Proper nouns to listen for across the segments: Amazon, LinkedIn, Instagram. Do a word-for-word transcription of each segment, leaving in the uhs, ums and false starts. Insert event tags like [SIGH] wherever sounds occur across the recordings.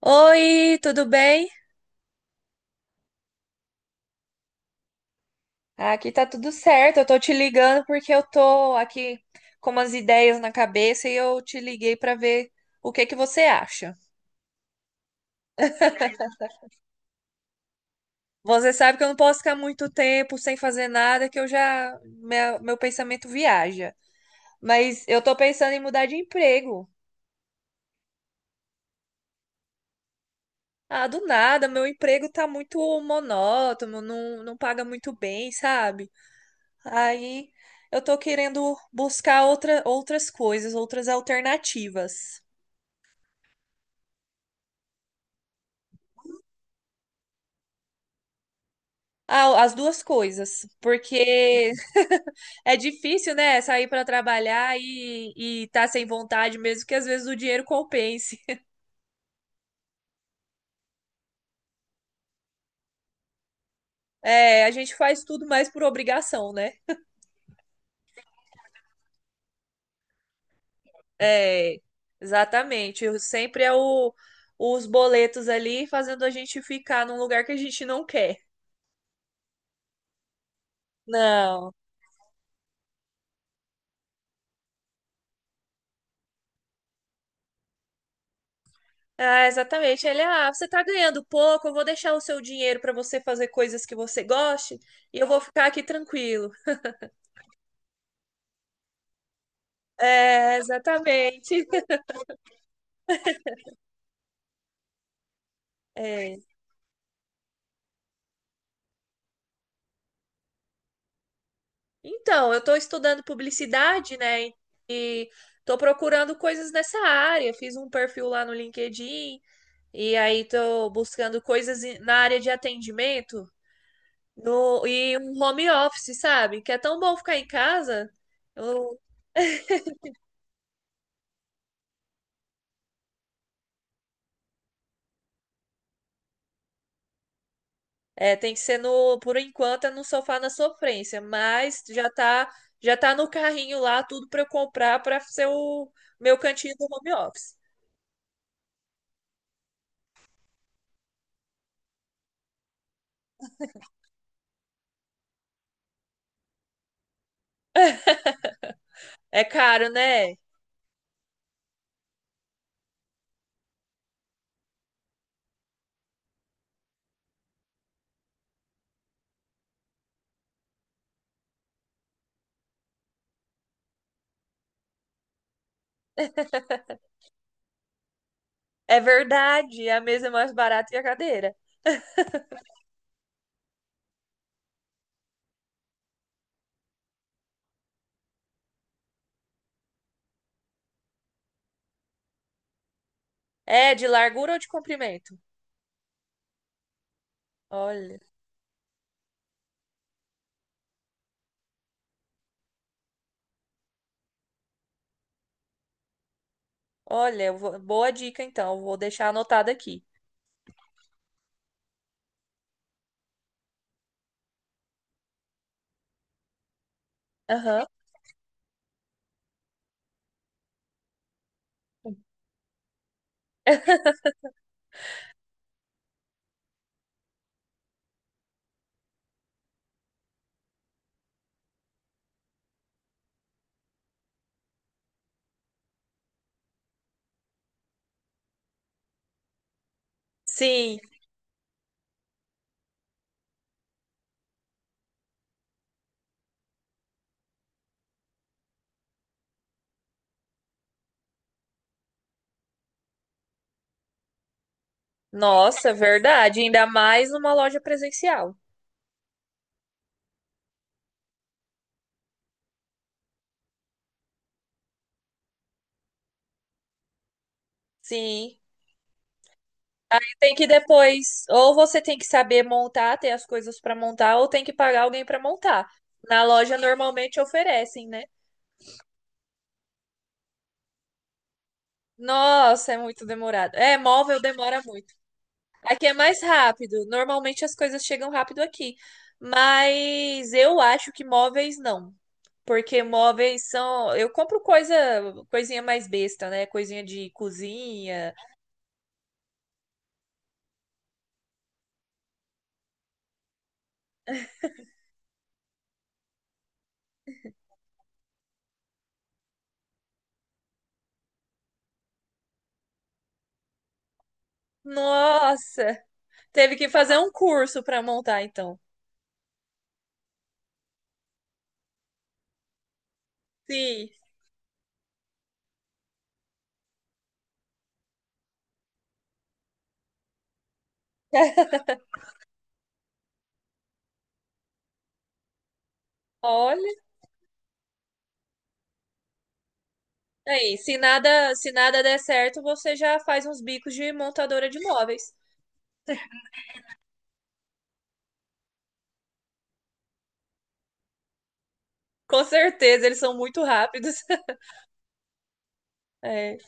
Oi, tudo bem? Aqui tá tudo certo. Eu tô te ligando porque eu tô aqui com umas ideias na cabeça e eu te liguei pra ver o que que você acha. Você sabe que eu não posso ficar muito tempo sem fazer nada, que eu já meu, meu pensamento viaja. Mas eu tô pensando em mudar de emprego. Ah, do nada, meu emprego tá muito monótono, não, não paga muito bem, sabe? Aí eu tô querendo buscar outra, outras coisas, outras alternativas. Ah, as duas coisas, porque é difícil, né, sair para trabalhar e, e tá sem vontade mesmo, que às vezes o dinheiro compense. [LAUGHS] É, a gente faz tudo mais por obrigação, né? É, exatamente. Eu- Sempre é o, os boletos ali fazendo a gente ficar num lugar que a gente não quer. Não. Ah, exatamente. Ele, ah, você tá ganhando pouco, eu vou deixar o seu dinheiro para você fazer coisas que você goste e eu vou ficar aqui tranquilo. É, exatamente. É. Então, eu estou estudando publicidade, né? E estou procurando coisas nessa área. Fiz um perfil lá no LinkedIn e aí estou buscando coisas em- na área de atendimento no, e um home office, sabe? Que é tão bom ficar em casa. Eu- é, tem que ser no, por enquanto, é no sofá na sofrência, mas já tá, já tá no carrinho lá, tudo para eu comprar para ser o meu cantinho do home office. É caro, né? É verdade, é a mesa é mais barata que a cadeira. É de largura ou de comprimento? Olha, olha, eu vou- boa dica então, eu vou deixar anotado aqui. Aham. [LAUGHS] Sim, nossa, verdade, ainda mais numa loja presencial. Sim, e tem que depois, ou você tem que saber montar, ter as coisas para montar, ou tem que pagar alguém para montar. Na loja normalmente oferecem, né? Nossa, é muito demorado. É, móvel demora muito. Aqui é mais rápido. Normalmente as coisas chegam rápido aqui. Mas eu acho que móveis não. Porque móveis são. Eu compro coisa, coisinha mais besta, né? Coisinha de cozinha. Nossa! Teve que fazer um curso para montar, então. Sim. [LAUGHS] Olha aí, se nada, se nada der certo, você já faz uns bicos de montadora de móveis. Com certeza, eles são muito rápidos. [LAUGHS] É.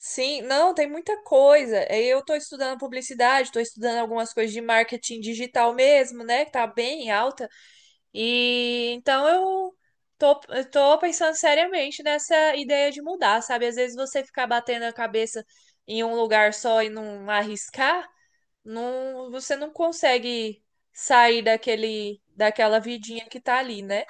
Sim, não, tem muita coisa. É, Eu estou estudando publicidade, estou estudando algumas coisas de marketing digital mesmo, né? Que tá bem alta. E então eu tô, eu tô pensando seriamente nessa ideia de mudar, sabe? Às vezes você ficar batendo a cabeça em um lugar só e não arriscar, não, você não consegue sair daquele, daquela vidinha que tá ali, né?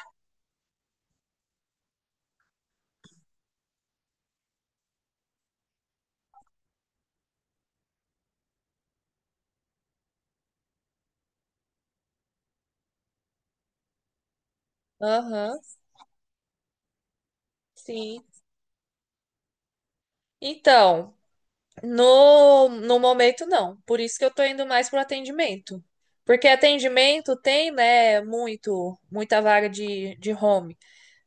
Aham, sim. Então, no, no momento não. Por isso que eu tô indo mais pro atendimento. Porque atendimento tem, né, muito, muita vaga de, de home.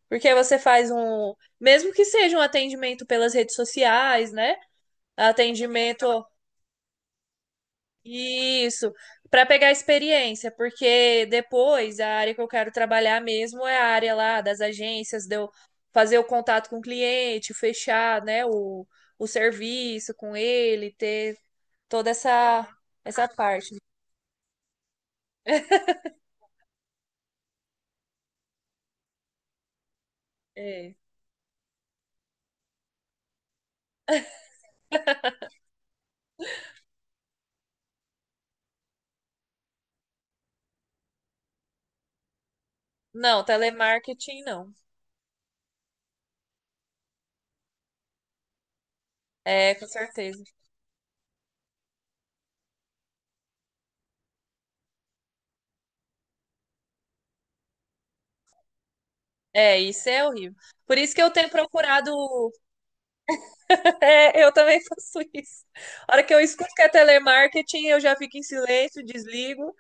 Porque você faz um, mesmo que seja um atendimento pelas redes sociais, né? Atendimento, isso, para pegar experiência, porque depois a área que eu quero trabalhar mesmo é a área lá das agências, de eu fazer o contato com o cliente, fechar, né, o, o serviço com ele, ter toda essa essa parte. É. Não, telemarketing não. É, com certeza. É, isso é horrível. Por isso que eu tenho procurado É, eu também [LAUGHS] faço isso. A hora que eu escuto que é telemarketing, eu já fico em silêncio, desligo.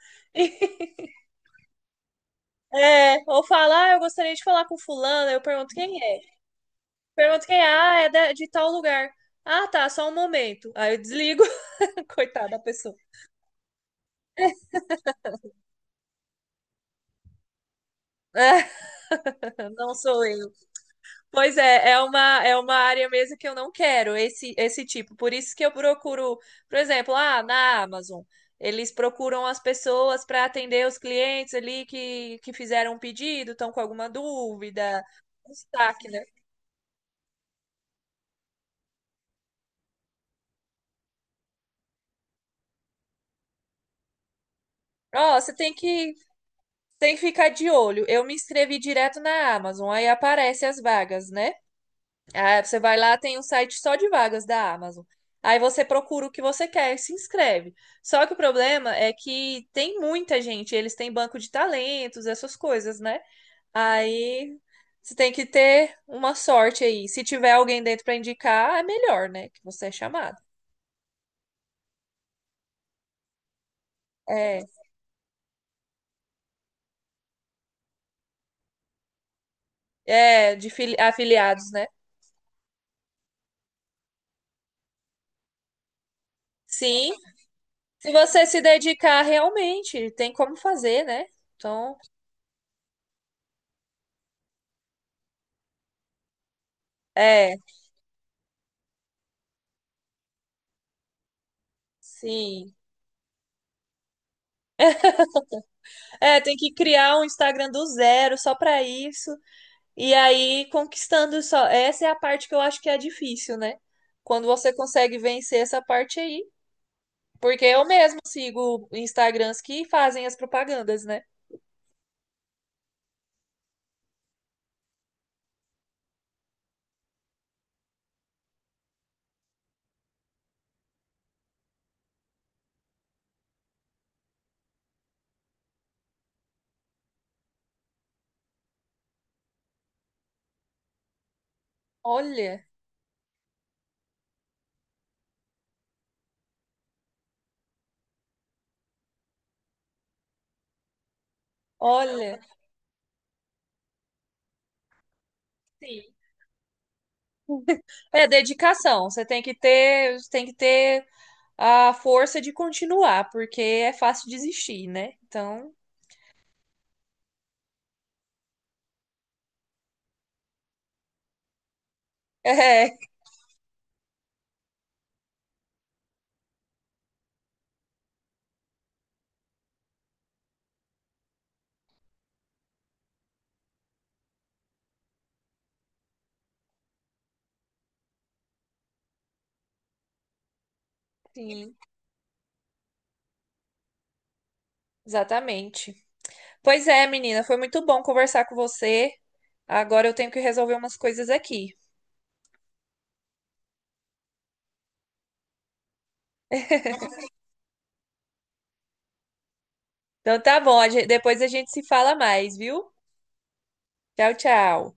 [LAUGHS] é, ou falar, ah, eu gostaria de falar com fulano, eu pergunto quem é. Pergunto quem é, ah, é da- de tal lugar. Ah, tá, só um momento. Aí eu desligo. [LAUGHS] Coitada da pessoa. [LAUGHS] não sou eu. Pois é, é uma, é uma área mesmo que eu não quero, esse, esse tipo. Por isso que eu procuro, por exemplo, ah, na Amazon, eles procuram as pessoas para atender os clientes ali que, que fizeram um pedido, estão com alguma dúvida, um destaque, né? Ó, você tem que, tem que ficar de olho. Eu me inscrevi direto na Amazon, aí aparece as vagas, né? Ah, você vai lá, tem um site só de vagas da Amazon. Aí você procura o que você quer e se inscreve. Só que o problema é que tem muita gente, eles têm banco de talentos, essas coisas, né? Aí você tem que ter uma sorte aí. Se tiver alguém dentro para indicar, é melhor, né? Que você é chamado. É, é de fili- afiliados, né? Sim, se você se dedicar realmente, tem como fazer, né? Então, é, sim. É, tem que criar um Instagram do zero só pra isso. E aí conquistando só. Essa é a parte que eu acho que é difícil, né? Quando você consegue vencer essa parte aí. Porque eu mesmo sigo Instagrams que fazem as propagandas, né? Olha, olha. Sim. [LAUGHS] É dedicação. Você tem que ter, tem que ter a força de continuar, porque é fácil desistir, né? Então, [LAUGHS] é, sim, exatamente. Pois é, menina, foi muito bom conversar com você. Agora eu tenho que resolver umas coisas aqui. Então tá bom, a gen- depois a gente se fala mais, viu? Tchau, tchau.